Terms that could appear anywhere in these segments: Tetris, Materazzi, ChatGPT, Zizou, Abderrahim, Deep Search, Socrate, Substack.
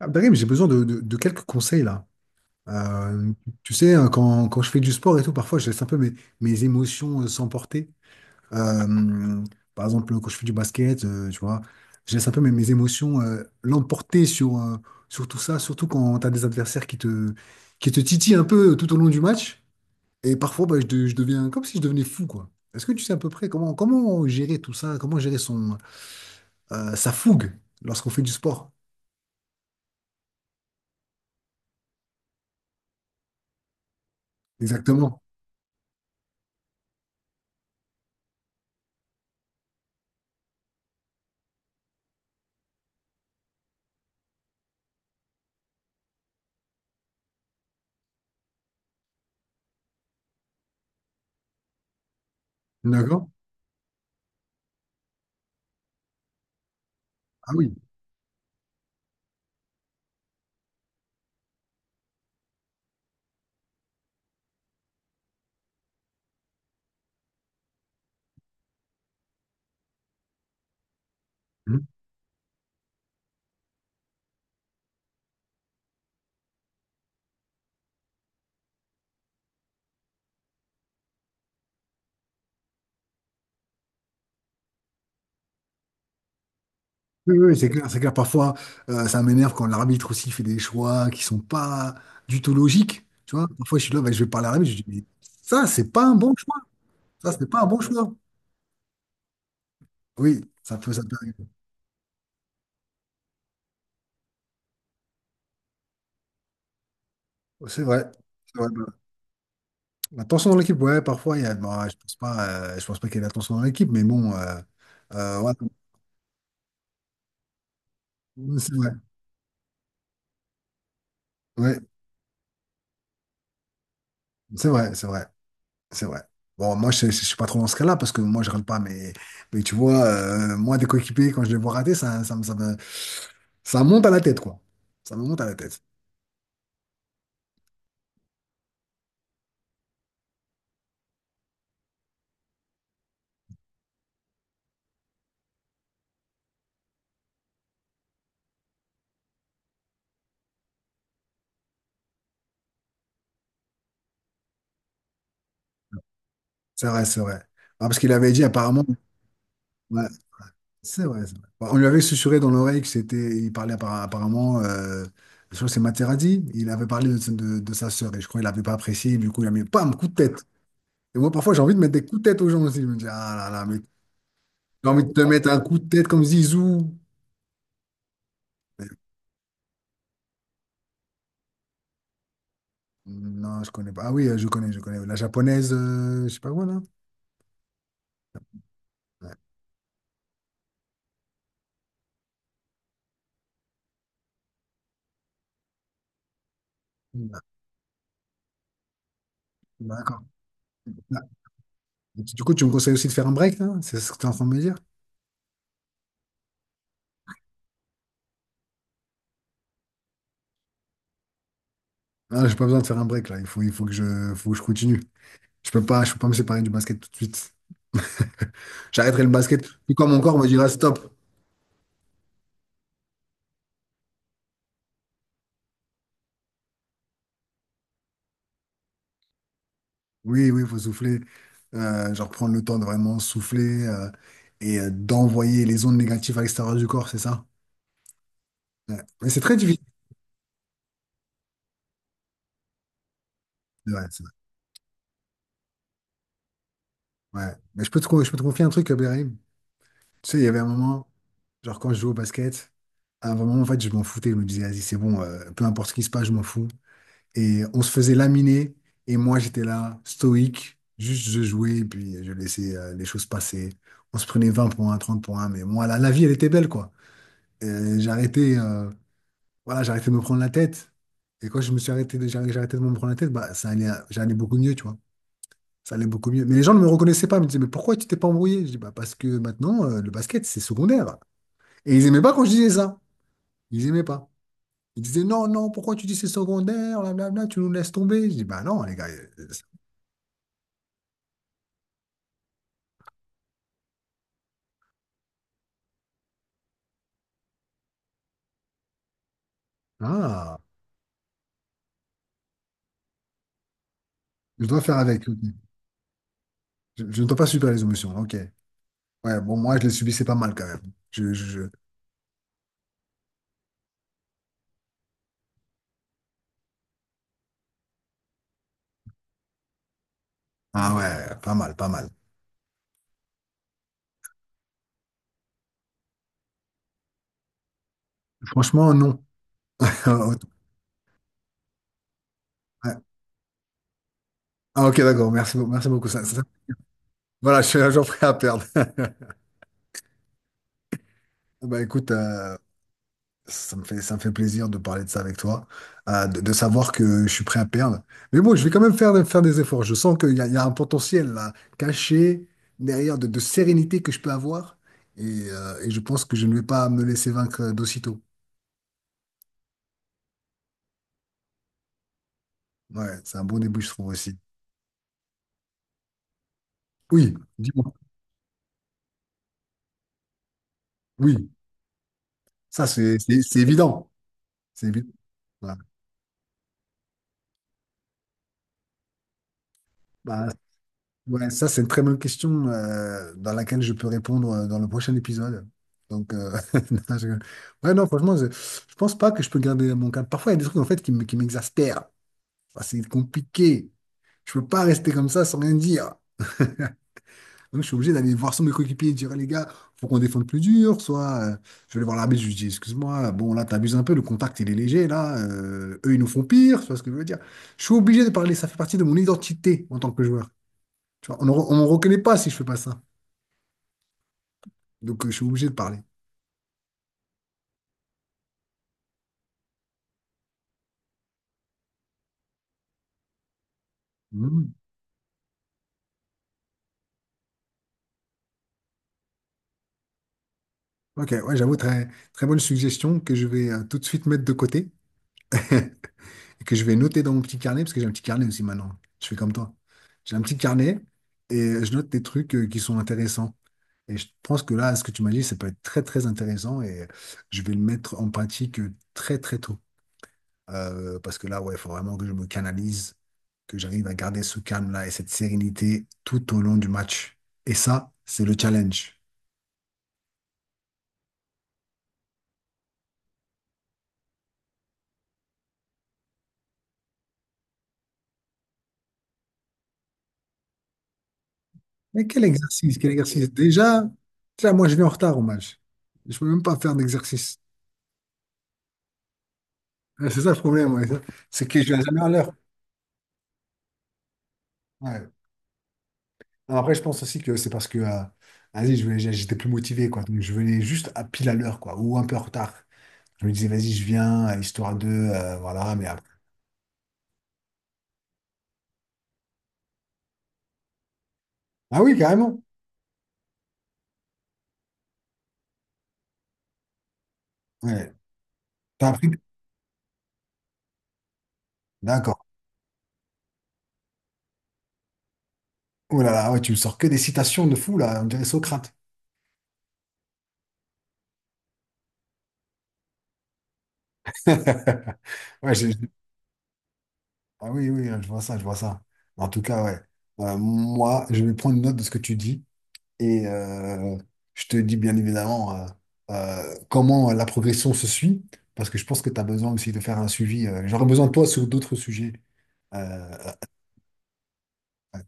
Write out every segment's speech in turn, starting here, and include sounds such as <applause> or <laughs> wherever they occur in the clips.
Abderrahim, j'ai besoin de quelques conseils là. Euh, Tu sais, hein, quand je fais du sport et tout, parfois je laisse un peu mes, mes émotions s'emporter. Euh, Par exemple, quand je fais du basket, tu vois, je laisse un peu mes, mes émotions l'emporter sur sur tout ça, surtout quand tu as des adversaires qui te titillent un peu tout au long du match. Et parfois, bah, je deviens comme si je devenais fou, quoi. Est-ce que tu sais à peu près comment gérer tout ça, comment gérer son, sa fougue lorsqu'on fait du sport? Exactement. D'accord? Ah oui. Mmh. Oui, oui, c'est clair, c'est clair. Parfois, ça m'énerve quand l'arbitre aussi fait des choix qui sont pas du tout logiques. Tu vois, parfois, je suis là, ben, je vais parler à l'arbitre, je dis, mais ça, c'est pas un bon choix. Ça, c'est pas un bon choix. Oui, ça peut arriver. Oh, c'est vrai. C'est vrai. Ben, la tension dans l'équipe, ouais, parfois, il y a, ben, je pense pas qu'il y ait de la tension dans l'équipe, mais bon, ouais, c'est vrai. Ouais, c'est vrai, c'est vrai. C'est vrai. Bon, moi, je ne suis pas trop dans ce cas-là parce que moi, je râle pas. Mais tu vois, moi, des coéquipiers, quand je les vois rater, ça monte à la tête, quoi. Ça me monte à la tête. C'est vrai, c'est vrai. Ah, parce qu'il avait dit apparemment. Ouais, c'est vrai, c'est vrai. Bon, on lui avait susurré dans l'oreille que c'était. Il parlait apparemment. Je crois que c'est Materazzi. Il avait parlé de sa sœur et je crois qu'il n'avait pas apprécié. Du coup, il a mis pam, coup de tête. Et moi, parfois, j'ai envie de mettre des coups de tête aux gens aussi. Je me dis, ah là là, mais j'ai envie de te mettre un coup de tête comme Zizou. Mais, non, je connais pas. Ah oui, je connais, je connais. La japonaise, je sais pas quoi, là. Ouais. Bah, d'accord. Ah, du coup, tu me conseilles aussi de faire un break, là? C'est ce que tu es en train de me dire? Ah, j'ai pas besoin de faire un break, là. Il faut que je continue. Je peux pas me séparer du basket tout de suite. <laughs> J'arrêterai le basket. Tout quand mon corps me dira stop. Oui, oui, il faut souffler. Genre prendre le temps de vraiment souffler et d'envoyer les ondes négatives à l'extérieur du corps, c'est ça? Ouais. Mais c'est très difficile. Ouais, ouais, mais je peux te confier un truc, Abderrahim. Tu sais, il y avait un moment, genre quand je jouais au basket, à un moment, en fait, je m'en foutais. Je me disais, vas-y, c'est bon, peu importe ce qui se passe, je m'en fous. Et on se faisait laminer, et moi, j'étais là, stoïque, juste je jouais, et puis je laissais les choses passer. On se prenait 20 points, 30 points, mais moi, la vie, elle était belle, quoi. Euh, J'arrêtais, euh, voilà, j'arrêtais de me prendre la tête. Et quand je me suis arrêté de me prendre la tête, bah, ça allait, j'allais beaucoup mieux, tu vois. Ça allait beaucoup mieux. Mais les gens ne me reconnaissaient pas. Ils me disaient, mais pourquoi tu t'es pas embrouillé? Je dis, bah, parce que maintenant, le basket, c'est secondaire. Et ils aimaient pas quand je disais ça. Ils aimaient pas. Ils disaient, non, non, pourquoi tu dis c'est secondaire, blablabla, tu nous laisses tomber. Je dis, bah non, les gars. Ah, je dois faire avec. Ok. Je ne dois pas subir les émotions. Ok. Ouais, bon, moi, je les subissais pas mal quand même. Je, je- je- Ah ouais, pas mal, pas mal. Franchement, non. <laughs> Ah, ok, d'accord. Merci beaucoup. Voilà, je suis un jour prêt à perdre. <laughs> Bah écoute, ça me fait plaisir de parler de ça avec toi, de savoir que je suis prêt à perdre. Mais bon, je vais quand même faire des efforts. Je sens qu'il y a un potentiel là, caché derrière de sérénité que je peux avoir. Et, et je pense que je ne vais pas me laisser vaincre d'aussitôt. Ouais, c'est un bon début, je trouve aussi. Oui, dis-moi. Oui, ça c'est évident. C'est évident. Ouais. Bah, ouais, ça, c'est une très bonne question dans laquelle je peux répondre dans le prochain épisode. Donc, <laughs> non, je rigole. Ouais, non, franchement, je pense pas que je peux garder mon calme. Parfois, il y a des trucs en fait qui m'exaspèrent. Enfin, c'est compliqué. Je peux pas rester comme ça sans rien dire. Donc, je suis obligé d'aller voir sur mes coéquipiers et dire, "Hey, les gars, faut qu'on défende plus dur. Soit, je vais aller voir l'arbitre, je lui dis, excuse-moi, bon, là, t'abuses un peu, le contact, il est léger, là. Eux, ils nous font pire. Tu vois ce que je veux dire? Je suis obligé de parler, ça fait partie de mon identité en tant que joueur. Tu vois, on me reconnaît pas si je fais pas ça. Donc, je suis obligé de parler. Hmm. Ok, ouais, j'avoue, très, très bonne suggestion que je vais tout de suite mettre de côté <laughs> et que je vais noter dans mon petit carnet, parce que j'ai un petit carnet aussi maintenant. Je fais comme toi. J'ai un petit carnet et je note des trucs qui sont intéressants. Et je pense que là, ce que tu m'as dit, ça peut être très, très intéressant et je vais le mettre en pratique très, très tôt. Parce que là, ouais, il faut vraiment que je me canalise, que j'arrive à garder ce calme-là et cette sérénité tout au long du match. Et ça, c'est le challenge. Mais quel exercice, quel exercice. Déjà, tu sais, moi je viens en retard au match. Je peux même pas faire d'exercice. Ouais, c'est ça le problème, ouais. C'est que je viens jamais à l'heure. Ouais. Alors, après, je pense aussi que c'est parce que vas-y, j'étais plus motivé, quoi. Donc je venais juste à pile à l'heure, quoi, ou un peu en retard. Je me disais, vas-y, je viens, histoire de, voilà, mais après. Ah oui, carrément. Ouais. T'as appris. D'accord. Oh là là, ouais, tu me sors que des citations de fou, là, on dirait Socrate. <laughs> Ouais, j'ai- Ah oui, oui, je vois ça, je vois ça. En tout cas, ouais. Moi, je vais prendre note de ce que tu dis et je te dis bien évidemment comment la progression se suit, parce que je pense que tu as besoin aussi de faire un suivi. J'aurais besoin de toi sur d'autres sujets. Euh, euh,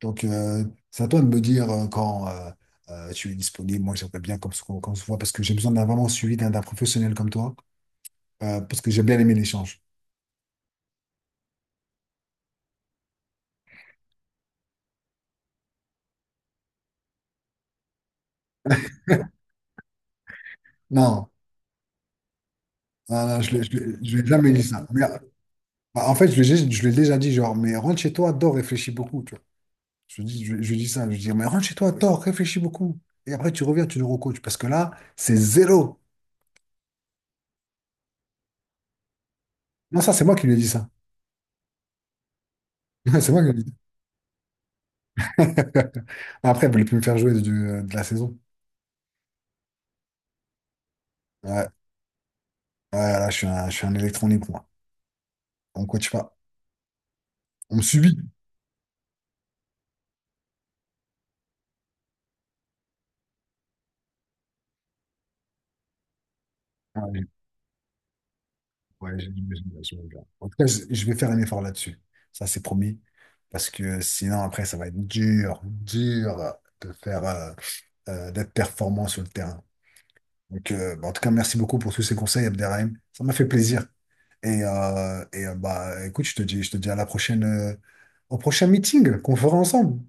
donc, euh, c'est à toi de me dire quand tu es disponible. Moi, j'aimerais bien qu'on se voit parce que j'ai besoin d'un vraiment suivi d'un professionnel comme toi, parce que j'ai bien aimé l'échange. Non, non, non, je ne l'ai je l'ai- je l'ai jamais dit ça. Bah, en fait, je lui ai déjà dit, genre, mais rentre chez toi, dors, réfléchis beaucoup, tu vois. Je lui dis, je lui dis ça, je lui dis, mais rentre chez toi, dors, réfléchis beaucoup. Et après, tu reviens, tu nous recoaches, parce que là, c'est zéro. Non, ça, c'est moi qui lui ai dit ça. <laughs> C'est moi qui lui ai dit. <laughs> Après, elle voulait plus me faire jouer de la saison. Ouais, ouais, là, je suis un électron libre, moi. On ne coach pas. On me subit. Ouais, j'ai- J'imagine bien, j'imagine bien. En tout cas, je vais faire un effort là-dessus. Ça, c'est promis. Parce que sinon, après, ça va être dur, dur de faire. D'être performant sur le terrain. Donc, bah, en tout cas, merci beaucoup pour tous ces conseils, Abderrahim. Ça m'a fait plaisir. Et, et bah, écoute, je te dis à la prochaine, au prochain meeting qu'on fera ensemble.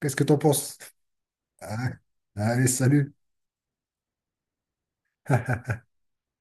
Qu'est-ce que t'en penses? Ah, allez, salut. <laughs>